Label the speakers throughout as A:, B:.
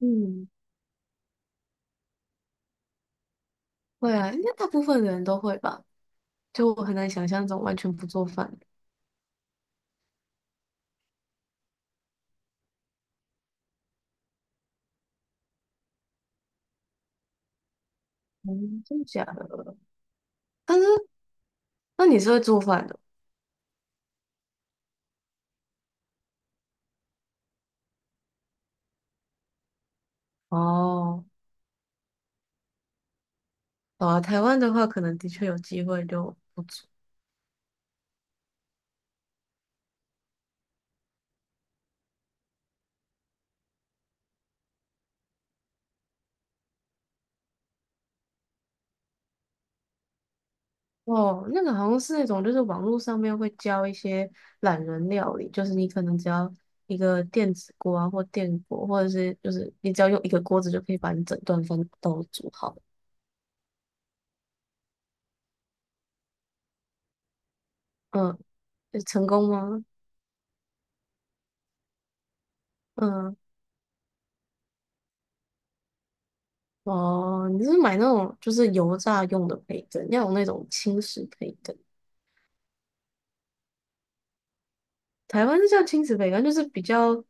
A: 嗯，会啊，应该大部分人都会吧。就我很难想象这种完全不做饭的。嗯，真的假的？但是，那你是会做饭的？哦，好啊，台湾的话，可能的确有机会就不做。哦，那个好像是那种，就是网络上面会教一些懒人料理，就是你可能只要一个电子锅啊，或电锅，或者是就是你只要用一个锅子就可以把你整顿饭都煮好。嗯，成功吗？嗯。哦，你是买那种就是油炸用的培根，要有那种轻食培根。台湾是叫轻食培根，就是比较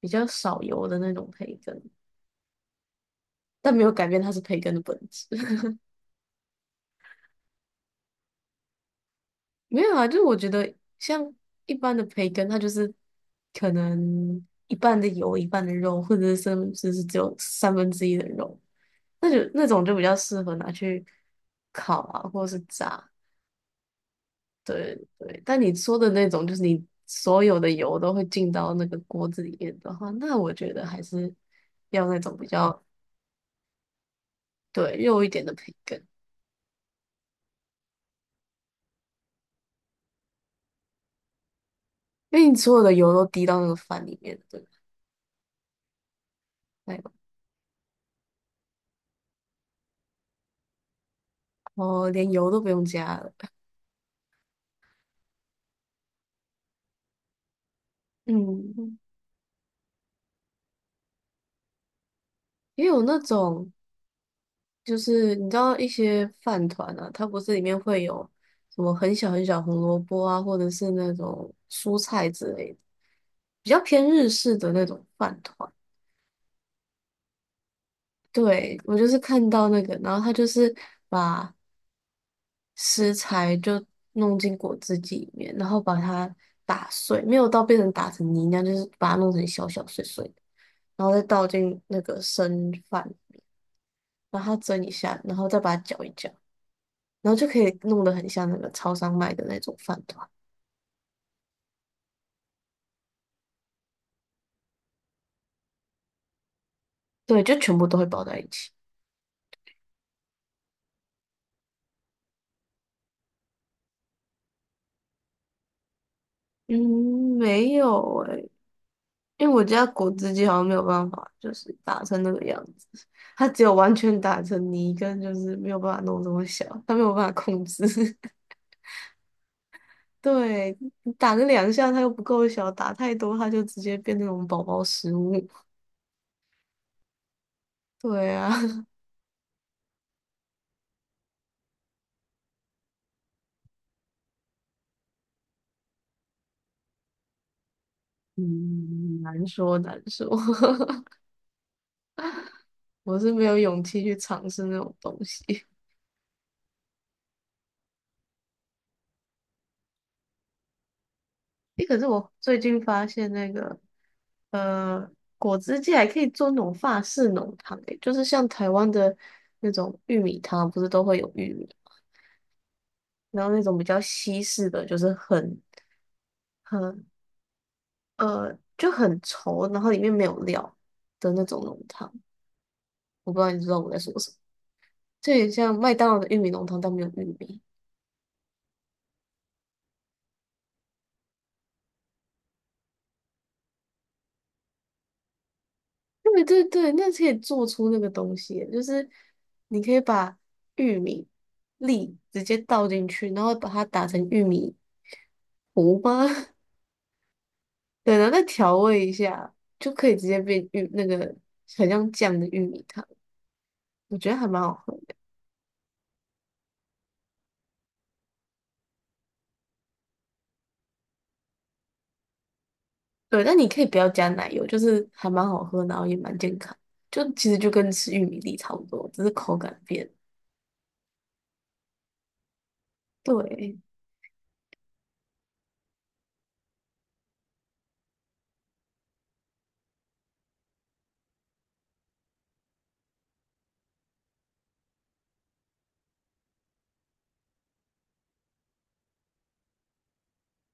A: 比较少油的那种培根，但没有改变它是培根的本质。没有啊，就是我觉得像一般的培根，它就是可能一半的油，一半的肉，或者是甚至是只有1/3的肉，那就那种就比较适合拿去烤啊，或者是炸。对对，但你说的那种，就是你所有的油都会进到那个锅子里面的话，那我觉得还是要那种比较对肉一点的培根，因为你所有的油都滴到那个饭里面，对吧，哎呦，哦，连油都不用加了。嗯，也有那种就是你知道一些饭团啊，它不是里面会有什么很小很小红萝卜啊，或者是那种蔬菜之类的，比较偏日式的那种饭团。对，我就是看到那个，然后他就是把食材就弄进果汁机里面，然后把它打碎，没有到变成打成泥那样，就是把它弄成小小碎碎的，然后再倒进那个生饭，然后它蒸一下，然后再把它搅一搅，然后就可以弄得很像那个超商卖的那种饭团。对，就全部都会包在一起。嗯，没有欸因为我家果汁机好像没有办法，就是打成那个样子，它只有完全打成泥，跟就是没有办法弄这么小，它没有办法控制。对，你打个两下它又不够小，打太多它就直接变那种宝宝食物。对啊，嗯，难说难说，我是没有勇气去尝试那种东西。诶，可是我最近发现那个，呃，果汁界还可以做那种法式浓汤，诶，就是像台湾的那种玉米汤，不是都会有玉米，然后那种比较西式的，就是很就很稠，然后里面没有料的那种浓汤，我不知道你知道我在说什么，就有点像麦当劳的玉米浓汤，但没有玉米。对对对，那可以做出那个东西，就是你可以把玉米粒直接倒进去，然后把它打成玉米糊吗？对，然后再调味一下，就可以直接变玉那个很像酱的玉米汤，我觉得还蛮好喝的。对，但你可以不要加奶油，就是还蛮好喝，然后也蛮健康，就其实就跟吃玉米粒差不多，只是口感变。对，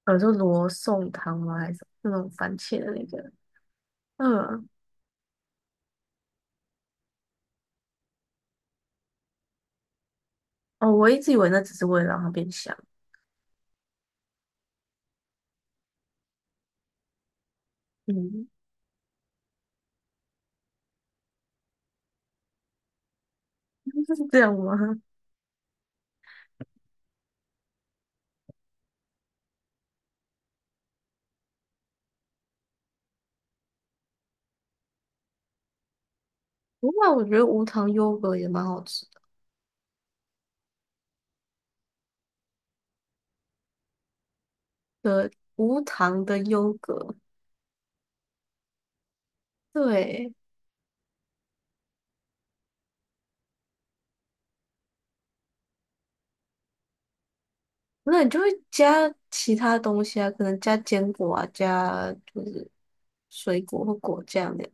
A: 就罗宋汤吗？还是那种番茄的那个？嗯哦，我一直以为那只是为了让它变香，嗯，是这样吗？不过我觉得无糖优格也蛮好吃的，对无糖的优格，对，那你就会加其他东西啊，可能加坚果啊，加就是水果或果酱的，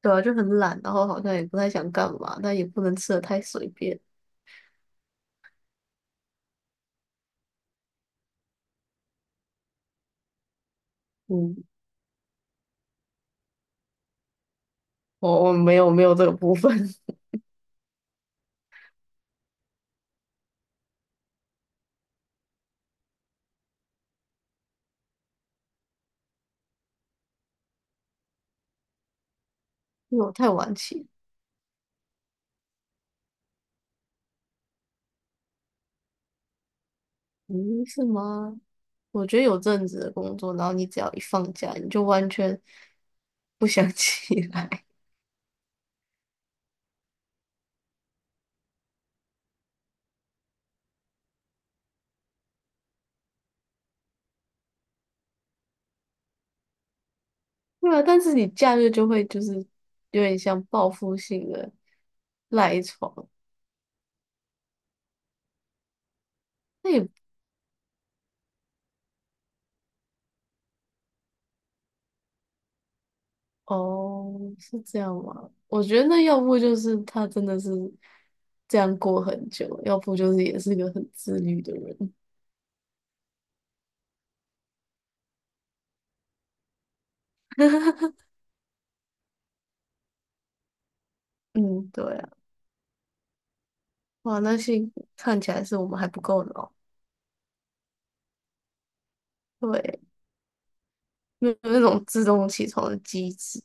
A: 对啊，就很懒，然后好像也不太想干嘛，但也不能吃的太随便，嗯，我没有没有这个部分，因为我太晚起。嗯，是吗？我觉得有阵子的工作，然后你只要一放假，你就完全不想 起来。对啊，但是你假日就会就是有点像报复性的赖床。那也哦，是这样吗？我觉得那要不就是他真的是这样过很久，要不就是也是个很自律的人。嗯，对啊，哇，那幸看起来是我们还不够老，对，没有那种自动起床的机制。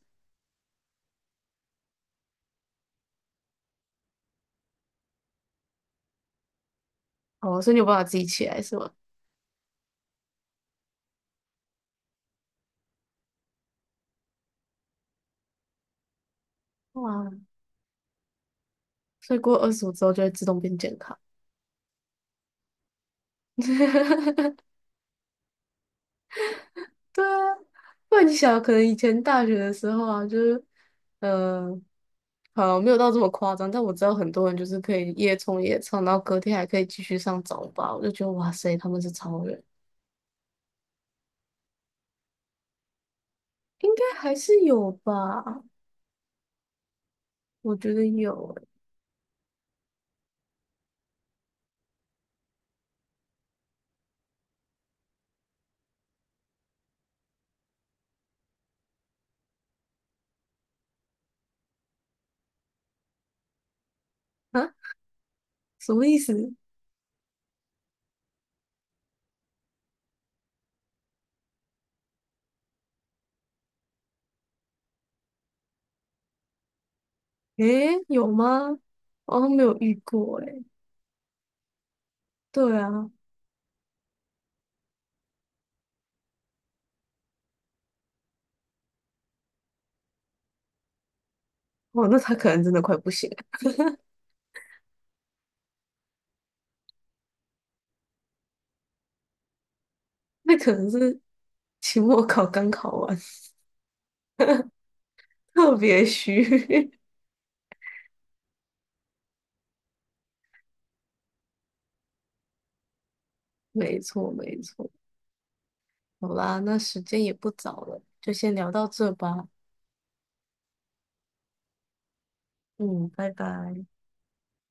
A: 哦，所以你有办法自己起来是吗？哇，所以过25之后就会自动变健康。对啊，不然你想，可能以前大学的时候啊，就是，呃，好，没有到这么夸张，但我知道很多人就是可以夜冲夜唱，然后隔天还可以继续上早八，我就觉得哇塞，他们是超人，应该还是有吧？我觉得有欸，啊，什么意思？诶，有吗？我好像没有遇过诶。对啊，哇，那他可能真的快不行了，那可能是。期末考刚考完，特别虚。没错，没错。好啦，那时间也不早了，就先聊到这吧。嗯，拜拜。